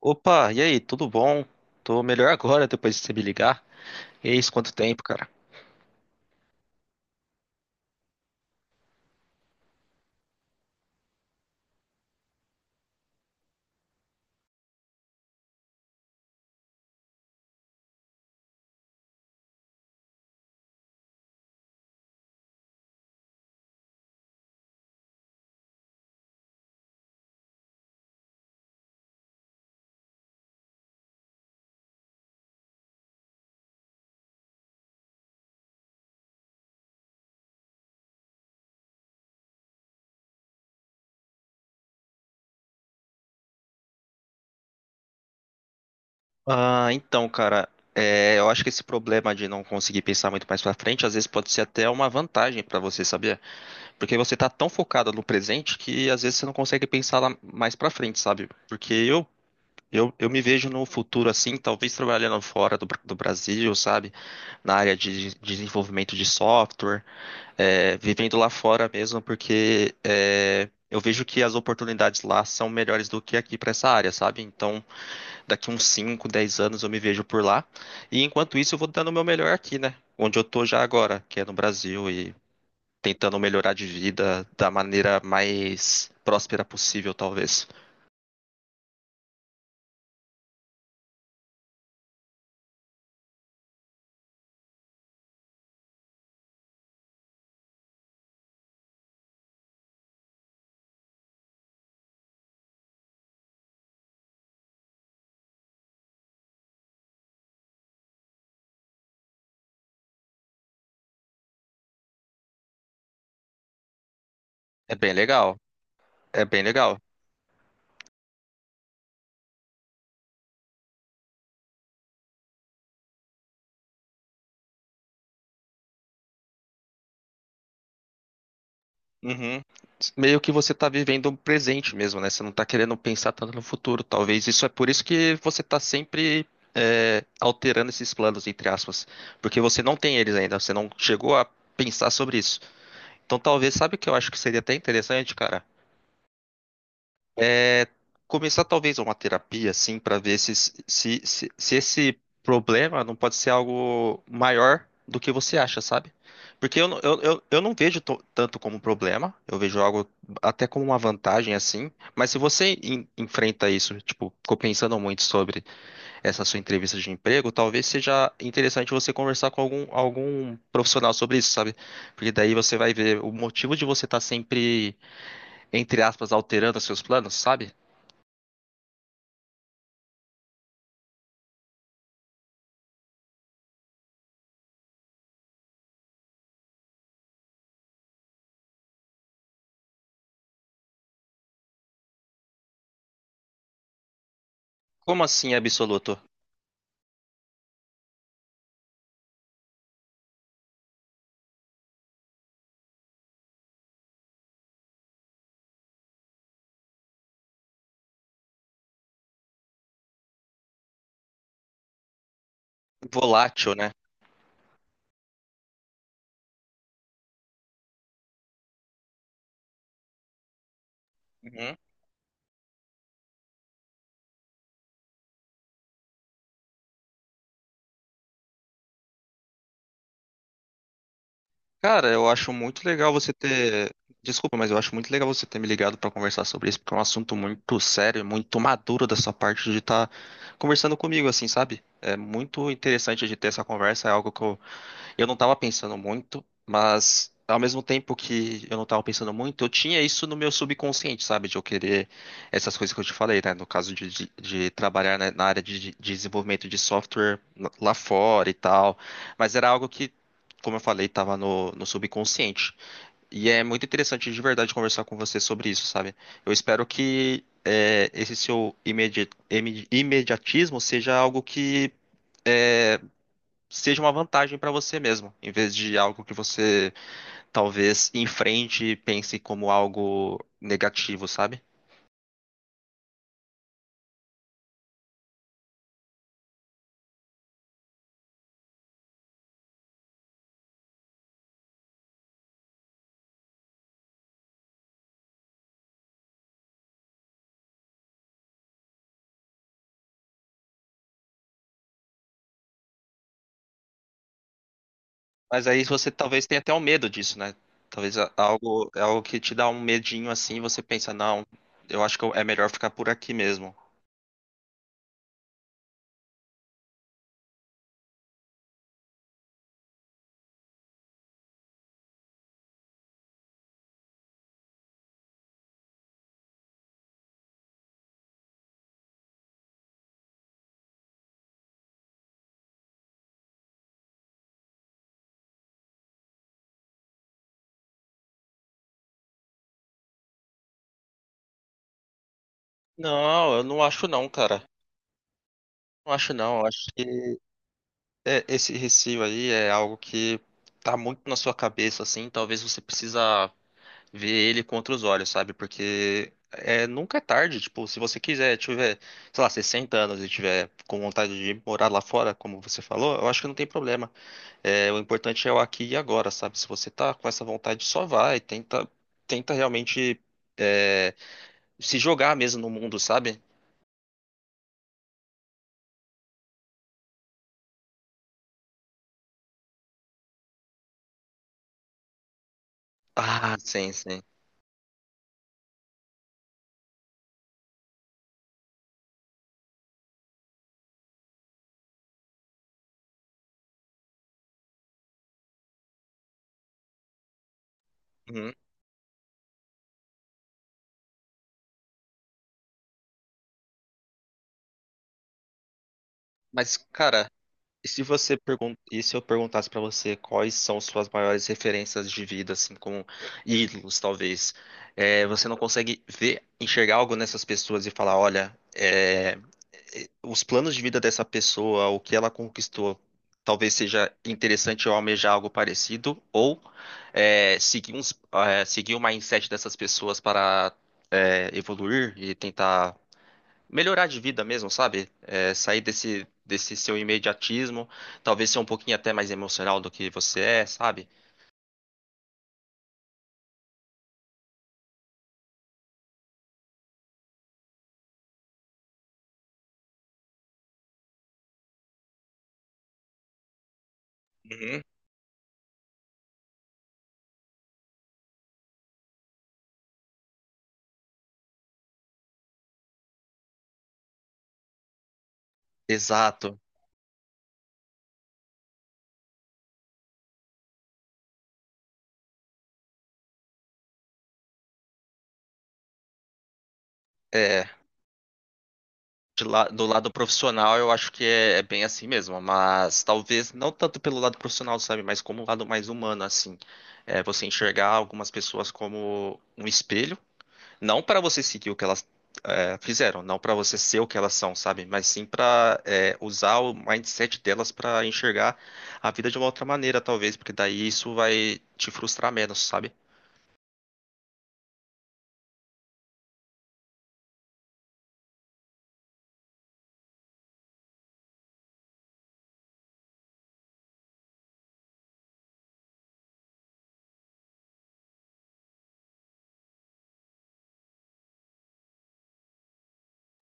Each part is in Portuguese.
Opa, e aí, tudo bom? Tô melhor agora depois de você me ligar. Eis quanto tempo, cara? Ah, então, cara, eu acho que esse problema de não conseguir pensar muito mais pra frente, às vezes pode ser até uma vantagem pra você, sabia? Porque você tá tão focado no presente que às vezes você não consegue pensar lá mais pra frente, sabe? Porque eu me vejo no futuro assim, talvez trabalhando fora do, do Brasil, sabe? Na área de desenvolvimento de software. Vivendo lá fora mesmo, porque eu vejo que as oportunidades lá são melhores do que aqui para essa área, sabe? Então, daqui uns 5 10 anos eu me vejo por lá. E enquanto isso, eu vou dando o meu melhor aqui, né? Onde eu tô já agora, que é no Brasil, e tentando melhorar de vida da maneira mais próspera possível, talvez. É bem legal. É bem legal. Uhum. Meio que você tá vivendo um presente mesmo, né? Você não tá querendo pensar tanto no futuro. Talvez isso é por isso que você tá sempre alterando esses planos, entre aspas. Porque você não tem eles ainda, você não chegou a pensar sobre isso. Então talvez, sabe o que eu acho que seria até interessante, cara? É, Começar talvez uma terapia, assim, para ver se esse problema não pode ser algo maior do que você acha, sabe? Porque eu não vejo tanto como um problema, eu vejo algo até como uma vantagem, assim, mas se você enfrenta isso, tipo, ficou pensando muito sobre essa sua entrevista de emprego, talvez seja interessante você conversar com algum profissional sobre isso, sabe? Porque daí você vai ver o motivo de você estar sempre, entre aspas, alterando os seus planos, sabe? Como assim absoluto? Volátil, né? Uhum. Cara, eu acho muito legal você ter. Desculpa, mas eu acho muito legal você ter me ligado pra conversar sobre isso, porque é um assunto muito sério, e muito maduro da sua parte de estar conversando comigo, assim, sabe? É muito interessante de ter essa conversa, é algo que eu não tava pensando muito, mas ao mesmo tempo que eu não tava pensando muito, eu tinha isso no meu subconsciente, sabe? De eu querer essas coisas que eu te falei, né? No caso de trabalhar na área de desenvolvimento de software lá fora e tal. Mas era algo que, como eu falei, tava no subconsciente. E é muito interessante de verdade conversar com você sobre isso, sabe? Eu espero que. Esse seu imediatismo seja algo que seja uma vantagem para você mesmo, em vez de algo que você talvez enfrente e pense como algo negativo, sabe? Mas aí você talvez tenha até um medo disso, né? Talvez algo é algo que te dá um medinho assim, e você pensa, não, eu acho que é melhor ficar por aqui mesmo. Não, eu não acho não, cara. Não acho não. Eu acho que esse receio aí é algo que tá muito na sua cabeça, assim. Talvez você precisa ver ele contra os olhos, sabe? Porque é, nunca é tarde, tipo, se você quiser, tiver, sei lá, 60 anos e tiver com vontade de morar lá fora, como você falou, eu acho que não tem problema. É, o importante é o aqui e agora, sabe? Se você tá com essa vontade, só vai, tenta, tenta realmente é, se jogar mesmo no mundo, sabe? Ah, sim, sim. Uhum. Mas, cara, e se você pergun e se eu perguntasse pra você quais são suas maiores referências de vida, assim, como ídolos, talvez, é, você não consegue ver, enxergar algo nessas pessoas e falar, olha, os planos de vida dessa pessoa, o que ela conquistou, talvez seja interessante eu almejar algo parecido, ou seguir seguir o mindset dessas pessoas para evoluir e tentar melhorar de vida mesmo, sabe? É, sair desse seu imediatismo, talvez ser um pouquinho até mais emocional do que você é, sabe? Uhum. Exato. É, de do lado profissional eu acho que é bem assim mesmo, mas talvez não tanto pelo lado profissional, sabe? Mas como o lado mais humano, assim. É, você enxergar algumas pessoas como um espelho. Não para você seguir o que elas fizeram, não para você ser o que elas são, sabe? Mas sim para usar o mindset delas para enxergar a vida de uma outra maneira, talvez, porque daí isso vai te frustrar menos, sabe?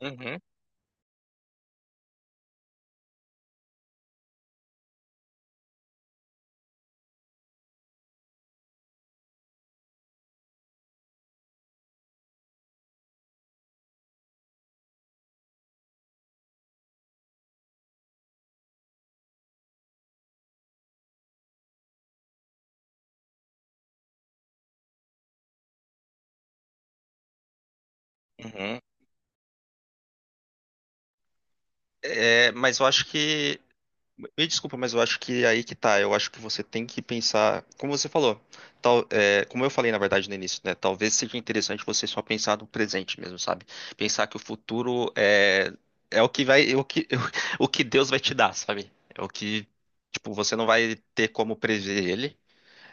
Uhum, uhum. É, mas eu acho que me desculpa, mas eu acho que é aí que tá. Eu acho que você tem que pensar, como você falou, tal, é, como eu falei na verdade no início, né? Talvez seja interessante você só pensar no presente mesmo, sabe? Pensar que o futuro é o que vai, é o que, o que Deus vai te dar, sabe? É o que, tipo, você não vai ter como prever ele.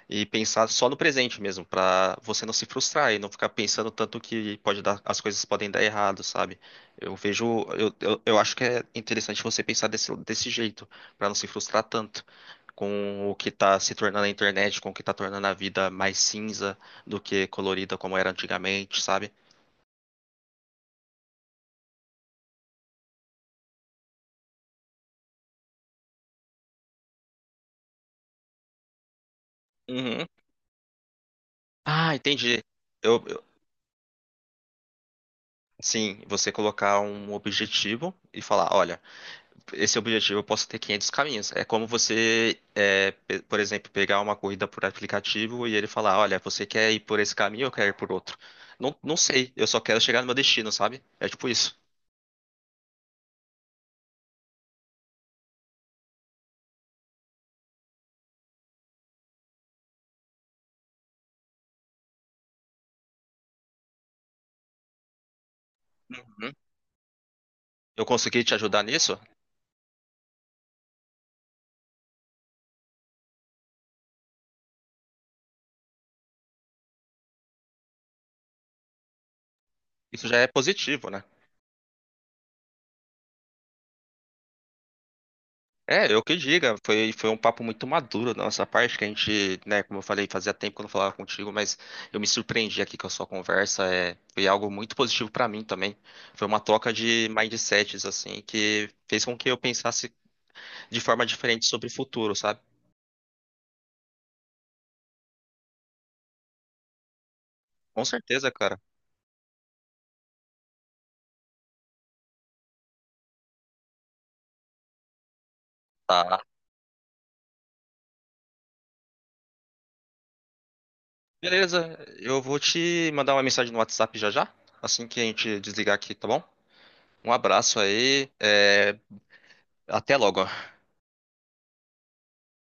E pensar só no presente mesmo, pra você não se frustrar e não ficar pensando tanto que pode dar, as coisas podem dar errado, sabe? Eu vejo, eu acho que é interessante você pensar desse jeito, pra não se frustrar tanto com o que tá se tornando a internet, com o que tá tornando a vida mais cinza do que colorida como era antigamente, sabe? Uhum. Ah, entendi. Eu, eu- sim, você colocar um objetivo e falar, olha, esse objetivo eu posso ter 500 caminhos. É como você, por exemplo, pegar uma corrida por aplicativo e ele falar, olha, você quer ir por esse caminho ou quer ir por outro? Não, não sei, eu só quero chegar no meu destino, sabe? É tipo isso. Uhum. Eu consegui te ajudar nisso? Isso já é positivo, né? É, eu que diga, foi um papo muito maduro da nossa parte, que a gente, né, como eu falei, fazia tempo que eu não falava contigo, mas eu me surpreendi aqui com a sua conversa, é, foi algo muito positivo pra mim também. Foi uma troca de mindsets, assim, que fez com que eu pensasse de forma diferente sobre o futuro, sabe? Com certeza, cara. Tá. Beleza, eu vou te mandar uma mensagem no WhatsApp já já, assim que a gente desligar aqui, tá bom? Um abraço aí, é, até logo.